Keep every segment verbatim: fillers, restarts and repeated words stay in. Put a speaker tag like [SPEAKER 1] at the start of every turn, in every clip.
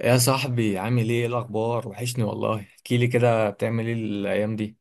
[SPEAKER 1] يا صاحبي، عامل ايه؟ إيه الاخبار؟ وحشني والله، احكي لي كده، بتعمل ايه الايام دي؟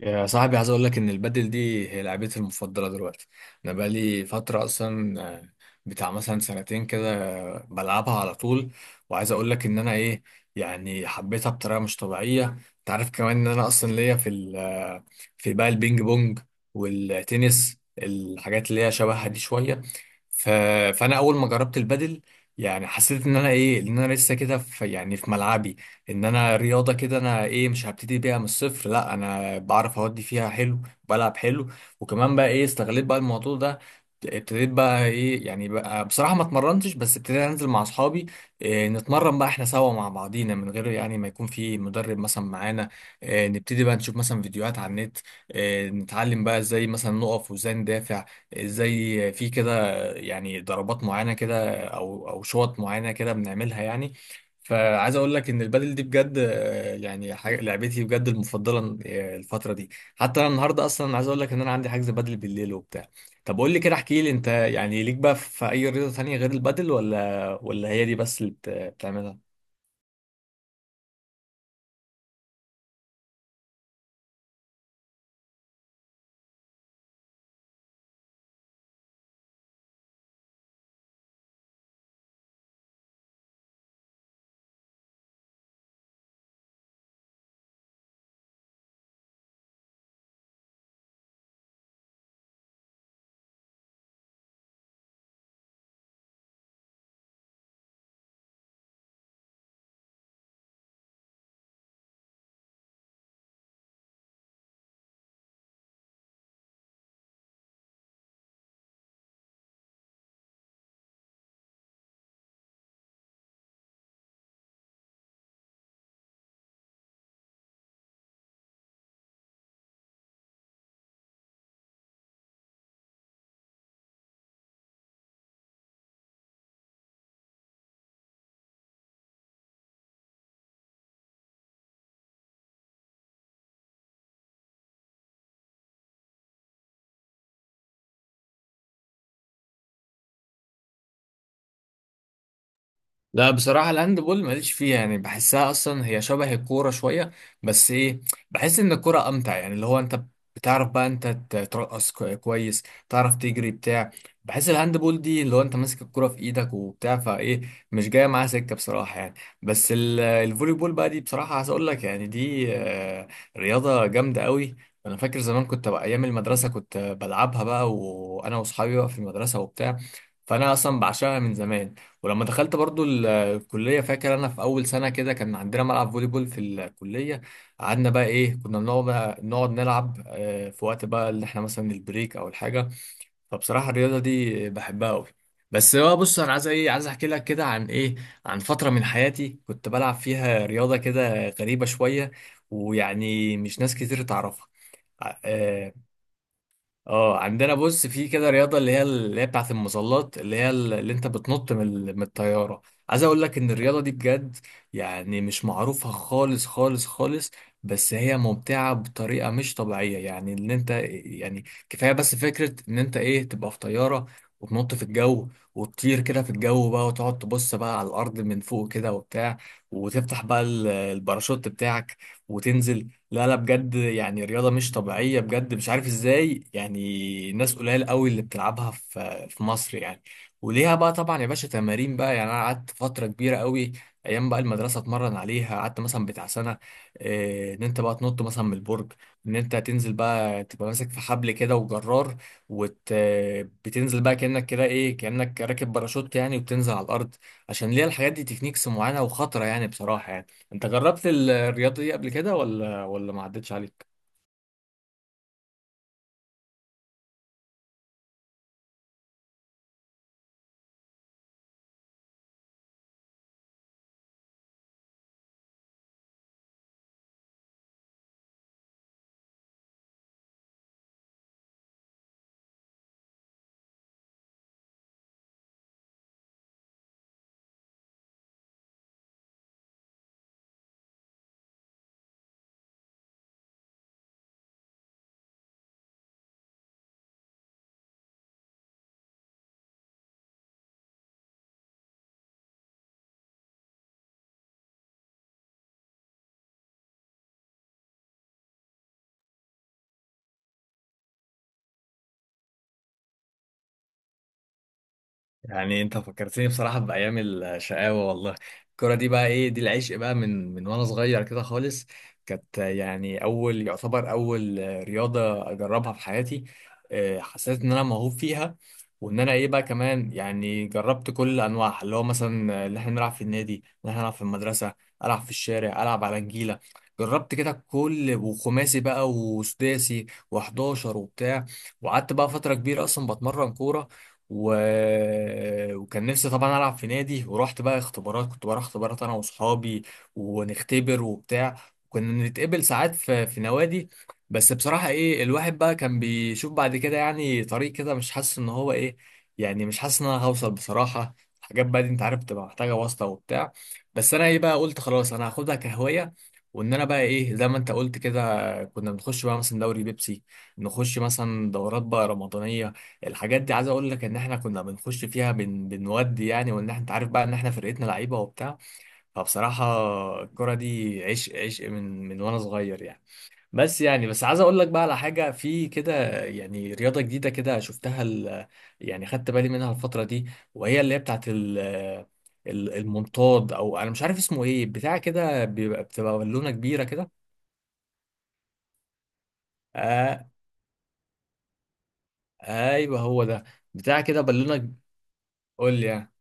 [SPEAKER 1] يا صاحبي عايز اقول لك ان البادل دي هي لعبتي المفضله دلوقتي. انا بقالي فتره اصلا آه، بتاع مثلا سنتين كده، آه، بلعبها على طول. وعايز اقول لك ان انا ايه، يعني حبيتها بطريقه مش طبيعيه. انت عارف كمان ان انا اصلا ليا في ال- آه، في بقى البينج بونج والتنس، الحاجات اللي هي شبهها دي شويه. ف... فانا اول ما جربت البادل يعني حسيت ان انا ايه، ان انا لسه كده في يعني في ملعبي. ان انا رياضه كده انا ايه، مش هبتدي بيها من الصفر، لا انا بعرف اودي فيها حلو، بلعب حلو. وكمان بقى ايه استغليت بقى الموضوع ده، ابتديت بقى ايه يعني بقى بصراحه ما اتمرنتش، بس ابتديت انزل مع اصحابي، إيه نتمرن بقى احنا سوا مع بعضينا من غير يعني ما يكون في مدرب مثلا معانا. إيه نبتدي بقى نشوف مثلا فيديوهات على النت، إيه نتعلم بقى ازاي مثلا نقف وازاي ندافع، ازاي في كده يعني ضربات معينه كده او او شوط معينه كده بنعملها يعني. فعايز اقول لك ان البادل دي بجد، آه، يعني حاجة لعبتي بجد المفضله آه، الفتره دي. حتى انا النهارده اصلا عايز اقول لك ان انا عندي حجز بادل بالليل وبتاع. طب قول لي كده، احكي لي انت يعني ليك بقى في اي رياضه تانية غير البادل ولا ولا هي دي بس اللي بت- بتعملها؟ لا بصراحة الهاند بول ماليش فيها، يعني بحسها أصلا هي شبه الكورة شوية. بس إيه، بحس إن الكورة أمتع يعني، اللي هو أنت بتعرف بقى أنت ت- ترقص كو- كويس، تعرف تجري بتاع. بحس الهاند بول دي اللي هو أنت ماسك الكورة في إيدك وبتاع فإيه، مش جاية معاها سكة بصراحة يعني. بس ال- الفولي بول بقى دي بصراحة عايز أقول لك يعني دي آه، رياضة جامدة قوي. أنا فاكر زمان كنت بقى أيام المدرسة كنت بلعبها بقى وأنا وأصحابي بقى في المدرسة وبتاع. فأنا أصلا بعشقها من زمان. ولما دخلت برضو الكلية، فاكر أنا في أول سنة كده كان عندنا ملعب فولي بول في الكلية. قعدنا بقى إيه، كنا بنقعد بقى نقعد نلعب، آه، في وقت بقى اللي إحنا مثلا البريك أو الحاجة. فبصراحة الرياضة دي بحبها أوي. بس بقى بص أنا عايز إيه، عايز أحكي لك كده عن إيه، عن فترة من حياتي كنت بلعب فيها رياضة كده غريبة شوية ويعني مش ناس كتير تعرفها. آه، اه عندنا بص في كده رياضه اللي هي اللي هي بتاعه المظلات، اللي هي اللي انت بتنط من ال- من الطياره. عايز اقول لك ان الرياضه دي بجد يعني مش معروفه خالص خالص خالص. بس هي ممتعه بطريقه مش طبيعيه، يعني ان انت يعني كفايه بس فكره ان انت ايه تبقى في طياره، وتنط في الجو، وتطير كده في الجو بقى وتقعد تبص بقى على الارض من فوق كده وبتاع، وتفتح بقى ال- الباراشوت بتاعك وتنزل. لا لا بجد يعني رياضة مش طبيعية بجد، مش عارف ازاي يعني ناس قليل قوي اللي بتلعبها في في مصر يعني. وليها بقى طبعا يا باشا تمارين بقى، يعني انا قعدت فترة كبيرة قوي ايام بقى المدرسة اتمرن عليها، قعدت مثلا بتاع سنة. إيه، ان انت بقى تنط مثلا من البرج، ان انت تنزل بقى تبقى ماسك في حبل كده وجرار، وت بتنزل بقى كأنك كده ايه، كأنك راكب باراشوت يعني وبتنزل على الارض. عشان ليها الحاجات دي تكنيكس معينة وخطرة يعني بصراحة يعني. انت جربت ال- الرياضه دي قبل كده ولا ولا ما عدتش عليك؟ يعني انت فكرتني بصراحة بأيام الشقاوة والله. الكرة دي بقى ايه، دي العشق بقى من من وانا صغير كده خالص. كانت يعني اول، يعتبر اول رياضة اجربها في حياتي. اه، حسيت ان انا موهوب فيها، وان انا ايه بقى كمان يعني جربت كل انواعها، اللي هو مثلا اللي احنا نلعب في النادي، اللي احنا نلعب في المدرسة، العب في الشارع، العب على نجيلة. جربت كده كل، وخماسي بقى وسداسي و11 وبتاع. وقعدت بقى فترة كبيرة اصلا بتمرن كورة، و... وكان نفسي طبعا العب في نادي، ورحت بقى اختبارات، كنت بروح اختبارات انا واصحابي ونختبر وبتاع. كنا نتقبل ساعات في في نوادي. بس بصراحة ايه، الواحد بقى كان بيشوف بعد كده يعني طريق كده مش حاسس ان هو ايه، يعني مش حاسس ان انا هوصل بصراحة. حاجات بقى دي انت عارف تبقى محتاجة واسطة وبتاع. بس انا ايه بقى قلت خلاص، انا هاخدها كهواية. وان انا بقى ايه زي ما انت قلت كده، كنا بنخش بقى مثلا دوري بيبسي، نخش مثلا دورات بقى رمضانية. الحاجات دي عايز اقول لك ان احنا كنا بنخش فيها، بن... بنودي يعني، وان احنا انت عارف بقى ان احنا فرقتنا لعيبه وبتاع. فبصراحه الكره دي عشق، عشق من من وانا صغير يعني. بس يعني بس عايز اقول لك بقى على حاجه في كده، يعني رياضه جديده كده شفتها، ال... يعني خدت بالي منها الفتره دي. وهي اللي هي بتاعت ال... ال- المنطاد او انا مش عارف اسمه ايه، بتاع كده بيبقى بتبقى بالونه كبيره كده. آه... ايوه هو ده، بتاع كده بالونه. قول لي يعني.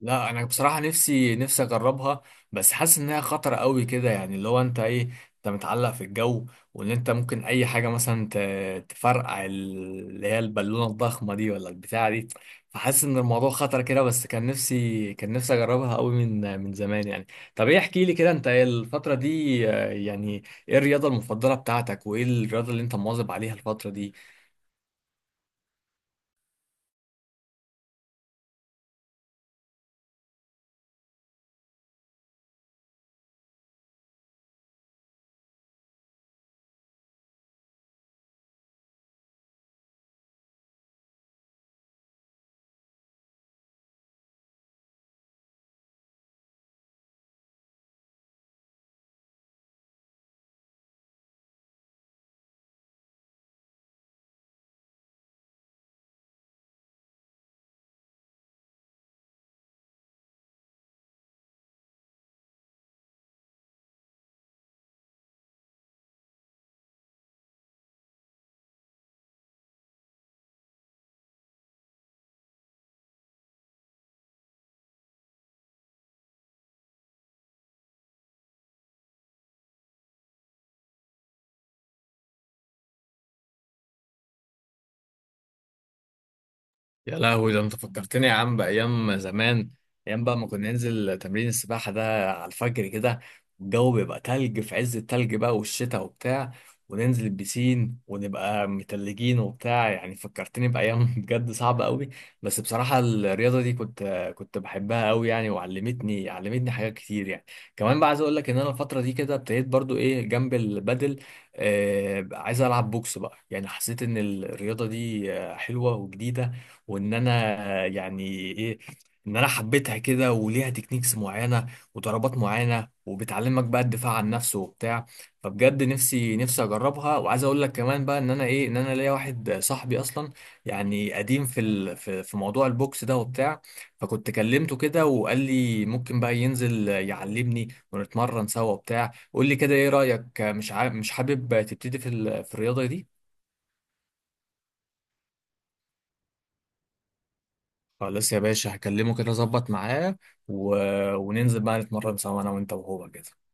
[SPEAKER 1] لا انا بصراحه نفسي نفسي اجربها، بس حاسس انها خطره قوي كده يعني، اللي هو انت ايه، انت متعلق في الجو، وان انت ممكن اي حاجه مثلا ت- تفرقع ال- اللي هي البالونه الضخمه دي ولا البتاعه دي. فحاسس ان الموضوع خطر كده، بس كان نفسي كان نفسي اجربها قوي من من زمان يعني. طب ايه، احكي لي كده انت إيه الفتره دي، آه، يعني ايه الرياضه المفضله بتاعتك وايه الرياضه اللي انت مواظب عليها الفتره دي؟ يا لهوي، ده انت فكرتني يا عم بايام زمان. ايام بقى ما كنا ننزل تمرين السباحه ده على الفجر كده، الجو بيبقى تلج في عز التلج بقى والشتاء وبتاع، وننزل البسين ونبقى متلجين وبتاع، يعني فكرتني بايام بجد صعبه قوي. بس بصراحه الرياضه دي كنت، كنت بحبها قوي يعني، وعلمتني، علمتني حاجات كتير يعني. كمان بقى عايز اقول لك ان انا الفتره دي كده ابتديت برضو ايه جنب البادل، آه عايز العب بوكس بقى يعني. حسيت ان الرياضه دي آه، حلوه وجديده، وان انا يعني ايه، ان انا حبيتها كده، وليها تكنيكس معينه وضربات معينه، وبتعلمك بقى الدفاع عن نفسه وبتاع. فبجد نفسي نفسي اجربها. وعايز اقول لك كمان بقى ان انا ايه، ان انا ليا واحد صاحبي اصلا يعني قديم في ال... في في موضوع البوكس ده وبتاع. فكنت كلمته كده وقال لي ممكن بقى ينزل يعلمني ونتمرن سوا وبتاع. قول لي كده ايه رايك، مش عا... مش حابب تبتدي في ال... في الرياضه دي؟ خلاص يا باشا، هكلمه كده اظبط معاه و... وننزل بقى نتمرن سوا انا وانت وهو كده.